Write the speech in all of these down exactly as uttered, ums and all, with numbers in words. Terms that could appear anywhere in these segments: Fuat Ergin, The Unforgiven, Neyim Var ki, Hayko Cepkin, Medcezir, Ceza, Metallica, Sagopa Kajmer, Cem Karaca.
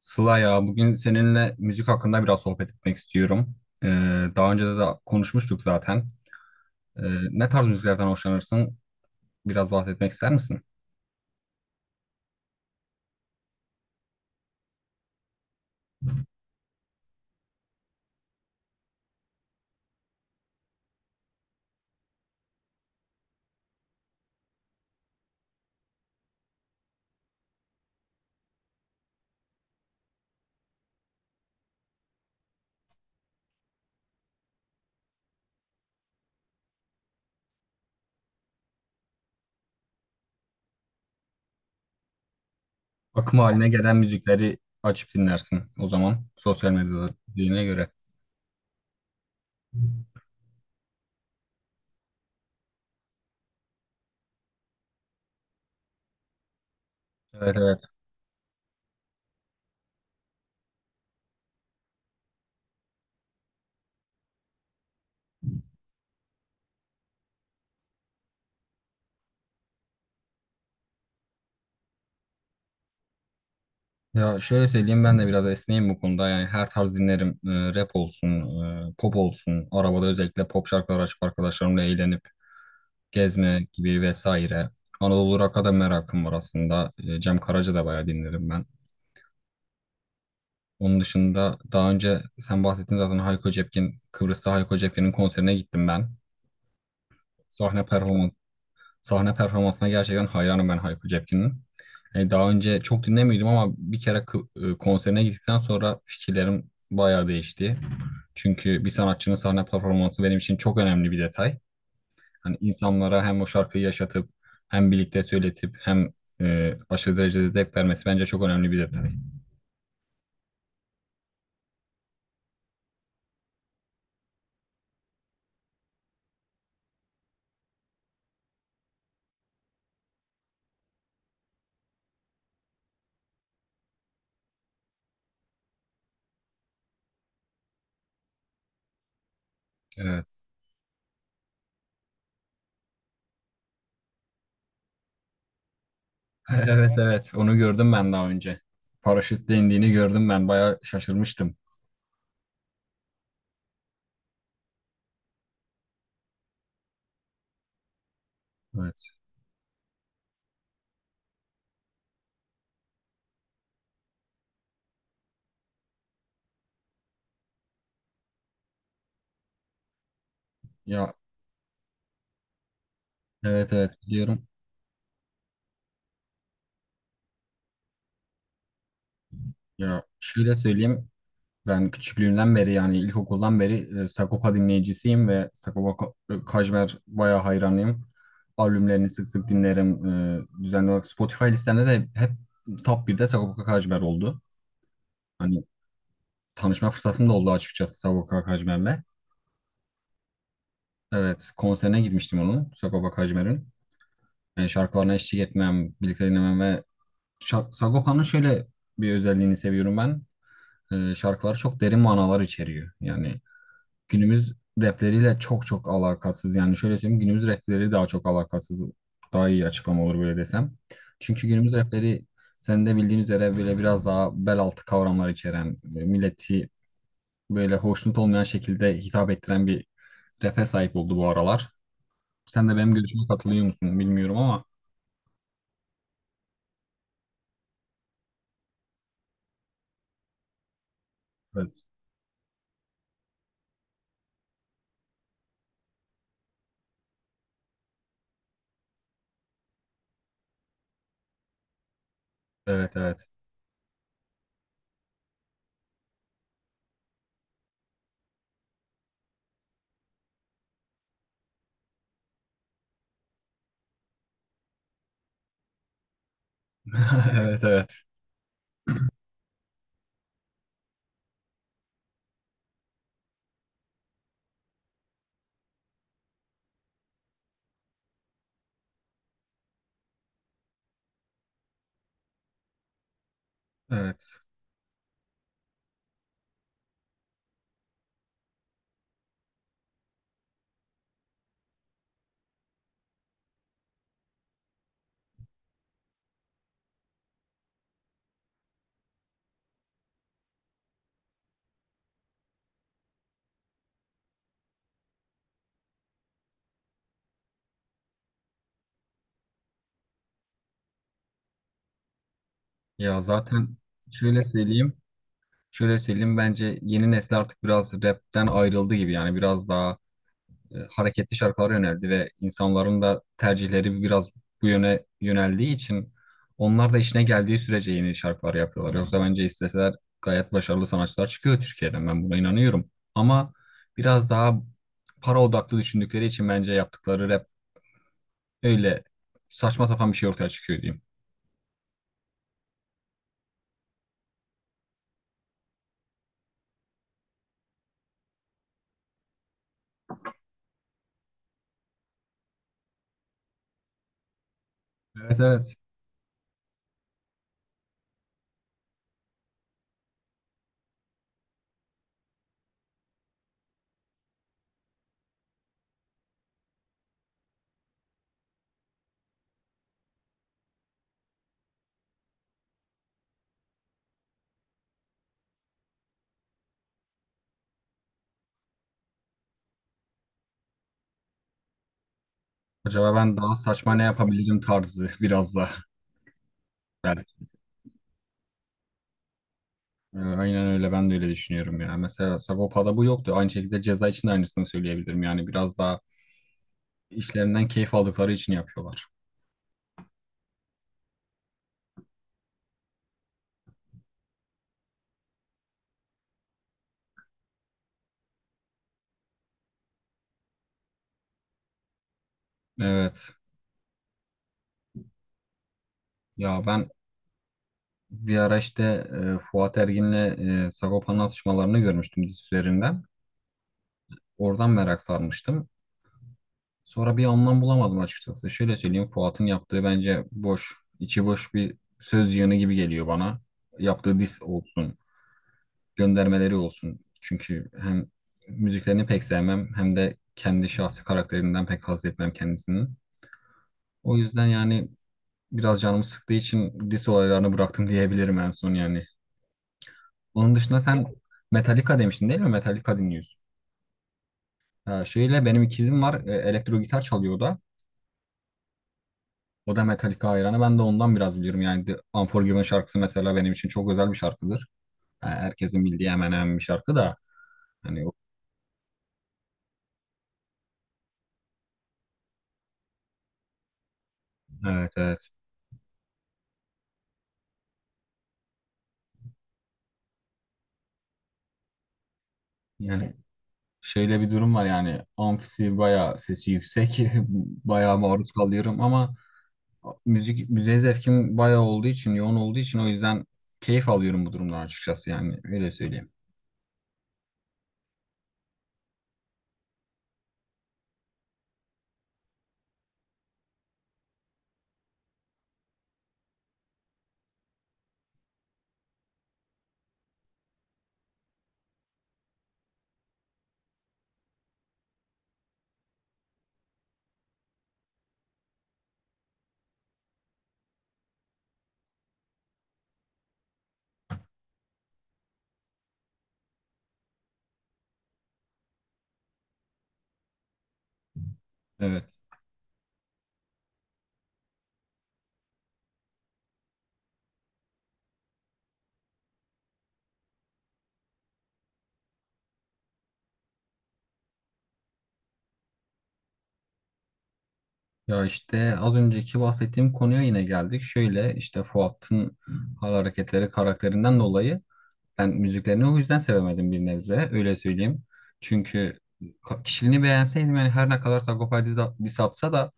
Sıla ya bugün seninle müzik hakkında biraz sohbet etmek istiyorum. Ee, Daha önce de, de konuşmuştuk zaten. Ee, Ne tarz müziklerden hoşlanırsın? Biraz bahsetmek ister misin? Akım haline gelen müzikleri açıp dinlersin o zaman sosyal medyada dediğine göre. Evet, evet. Ya şöyle söyleyeyim, ben de biraz esneyim bu konuda. Yani her tarz dinlerim. Ee, rap olsun, e, pop olsun. Arabada özellikle pop şarkılar açıp arkadaşlarımla eğlenip gezme gibi vesaire. Anadolu Rock'a da merakım var aslında. E, Cem Karaca da bayağı dinlerim ben. Onun dışında daha önce sen bahsettin zaten Hayko Cepkin, Kıbrıs'ta Hayko Cepkin'in konserine gittim ben. Sahne performans, sahne performansına gerçekten hayranım ben Hayko Cepkin'in. Yani daha önce çok dinlemiyordum ama bir kere Kı- e, konserine gittikten sonra fikirlerim bayağı değişti. Çünkü bir sanatçının sahne performansı benim için çok önemli bir detay. Hani insanlara hem o şarkıyı yaşatıp hem birlikte söyletip hem e, aşırı derecede zevk vermesi bence çok önemli bir detay. Evet. Evet, evet, onu gördüm ben daha önce. Paraşütle indiğini gördüm, ben bayağı şaşırmıştım. Evet. Ya evet, evet, biliyorum. Ya şöyle söyleyeyim, ben küçüklüğümden beri, yani ilkokuldan beri e, Sagopa dinleyicisiyim ve Sagopa Ka- e, Kajmer bayağı hayranıyım. Albümlerini sık sık dinlerim. E, düzenli olarak Spotify listemde de hep top birde Sagopa Kajmer oldu. Hani tanışma fırsatım da oldu açıkçası Sagopa Kajmer'le. Evet, konserine gitmiştim onun, Sagopa Kajmer'in. Yani şarkılarına eşlik etmem, birlikte dinlemem ve şa- Sagopa'nın şöyle bir özelliğini seviyorum ben. E, şarkıları çok derin manalar içeriyor. Yani günümüz rapleriyle çok çok alakasız. Yani şöyle söyleyeyim, günümüz rapleri daha çok alakasız. Daha iyi açıklama olur böyle desem. Çünkü günümüz rapleri, sen de bildiğin üzere, böyle biraz daha bel altı kavramlar içeren, e, milleti böyle hoşnut olmayan şekilde hitap ettiren bir rap'e sahip oldu bu aralar. Sen de benim görüşüme katılıyor musun bilmiyorum ama evet, evet, evet. Evet, evet. Evet. Ya zaten şöyle söyleyeyim. Şöyle söyleyeyim, bence yeni nesil artık biraz rapten ayrıldı gibi, yani biraz daha e, hareketli şarkılar yöneldi ve insanların da tercihleri biraz bu yöne yöneldiği için onlar da işine geldiği sürece yeni şarkılar yapıyorlar. Yoksa bence isteseler gayet başarılı sanatçılar çıkıyor Türkiye'den, ben buna inanıyorum. Ama biraz daha para odaklı düşündükleri için bence yaptıkları rap öyle saçma sapan bir şey ortaya çıkıyor diyeyim. Evet, evet. Acaba ben daha saçma ne yapabilirim tarzı biraz da belki. Ee, Aynen öyle, ben de öyle düşünüyorum ya. Mesela Sagopa'da bu yoktu. Aynı şekilde ceza için de aynısını söyleyebilirim. Yani biraz daha işlerinden keyif aldıkları için yapıyorlar. Evet. Ya ben bir ara işte e, Fuat Ergin'le e, Sagopa'nın atışmalarını görmüştüm dizi üzerinden. Oradan merak sarmıştım. Sonra bir anlam bulamadım açıkçası. Şöyle söyleyeyim, Fuat'ın yaptığı bence boş, içi boş bir söz yığını gibi geliyor bana. Yaptığı diss olsun, göndermeleri olsun. Çünkü hem müziklerini pek sevmem hem de kendi şahsi karakterinden pek haz etmem kendisinin. O yüzden yani biraz canımı sıktığı için dis olaylarını bıraktım diyebilirim en son yani. Onun dışında sen Metallica demiştin değil mi? Metallica dinliyorsun. Ha, şöyle, benim ikizim var, e, elektro gitar çalıyor o da. O da Metallica hayranı. Ben de ondan biraz biliyorum. Yani The Unforgiven şarkısı mesela benim için çok özel bir şarkıdır. Ha, herkesin bildiği hemen hemen bir şarkı da. Hani o- evet, evet. Yani şöyle bir durum var, yani amfisi bayağı sesi yüksek, bayağı maruz kalıyorum ama müzik müziğe zevkim bayağı olduğu için, yoğun olduğu için, o yüzden keyif alıyorum bu durumdan açıkçası, yani öyle söyleyeyim. Evet. Ya işte az önceki bahsettiğim konuya yine geldik. Şöyle işte Fuat'ın hal hareketleri karakterinden dolayı ben müziklerini o yüzden sevemedim bir nebze. Öyle söyleyeyim. Çünkü ka- kişiliğini beğenseydim, yani her ne kadar Sagopa diss diss atsa da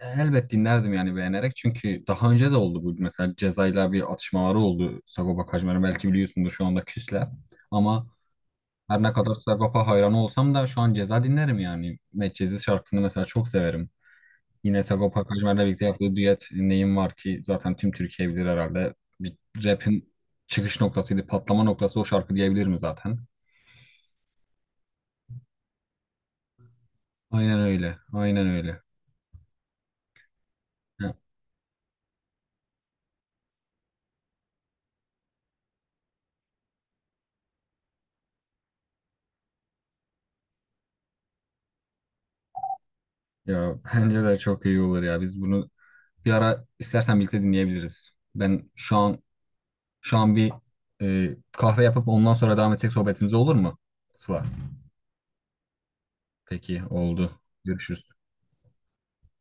elbet dinlerdim yani beğenerek. Çünkü daha önce de oldu bu. Mesela Ceza'yla bir atışmaları oldu Sagopa Kajmer'in, belki biliyorsundur, şu anda küsler. Ama her ne kadar Sagopa hayranı olsam da şu an Ceza dinlerim yani. Medcezir şarkısını mesela çok severim. Yine Sagopa Kajmer'le birlikte yaptığı düet Neyim Var ki zaten tüm Türkiye bilir herhalde. Bir rap'in çıkış noktasıydı, patlama noktası o şarkı diyebilir mi zaten? Aynen öyle, aynen öyle. Ya, ya bence de çok iyi olur ya. Biz bunu bir ara istersen birlikte dinleyebiliriz. Ben şu an şu an bir e, kahve yapıp ondan sonra devam etsek sohbetimize, olur mu Sıla? Peki, oldu. Görüşürüz.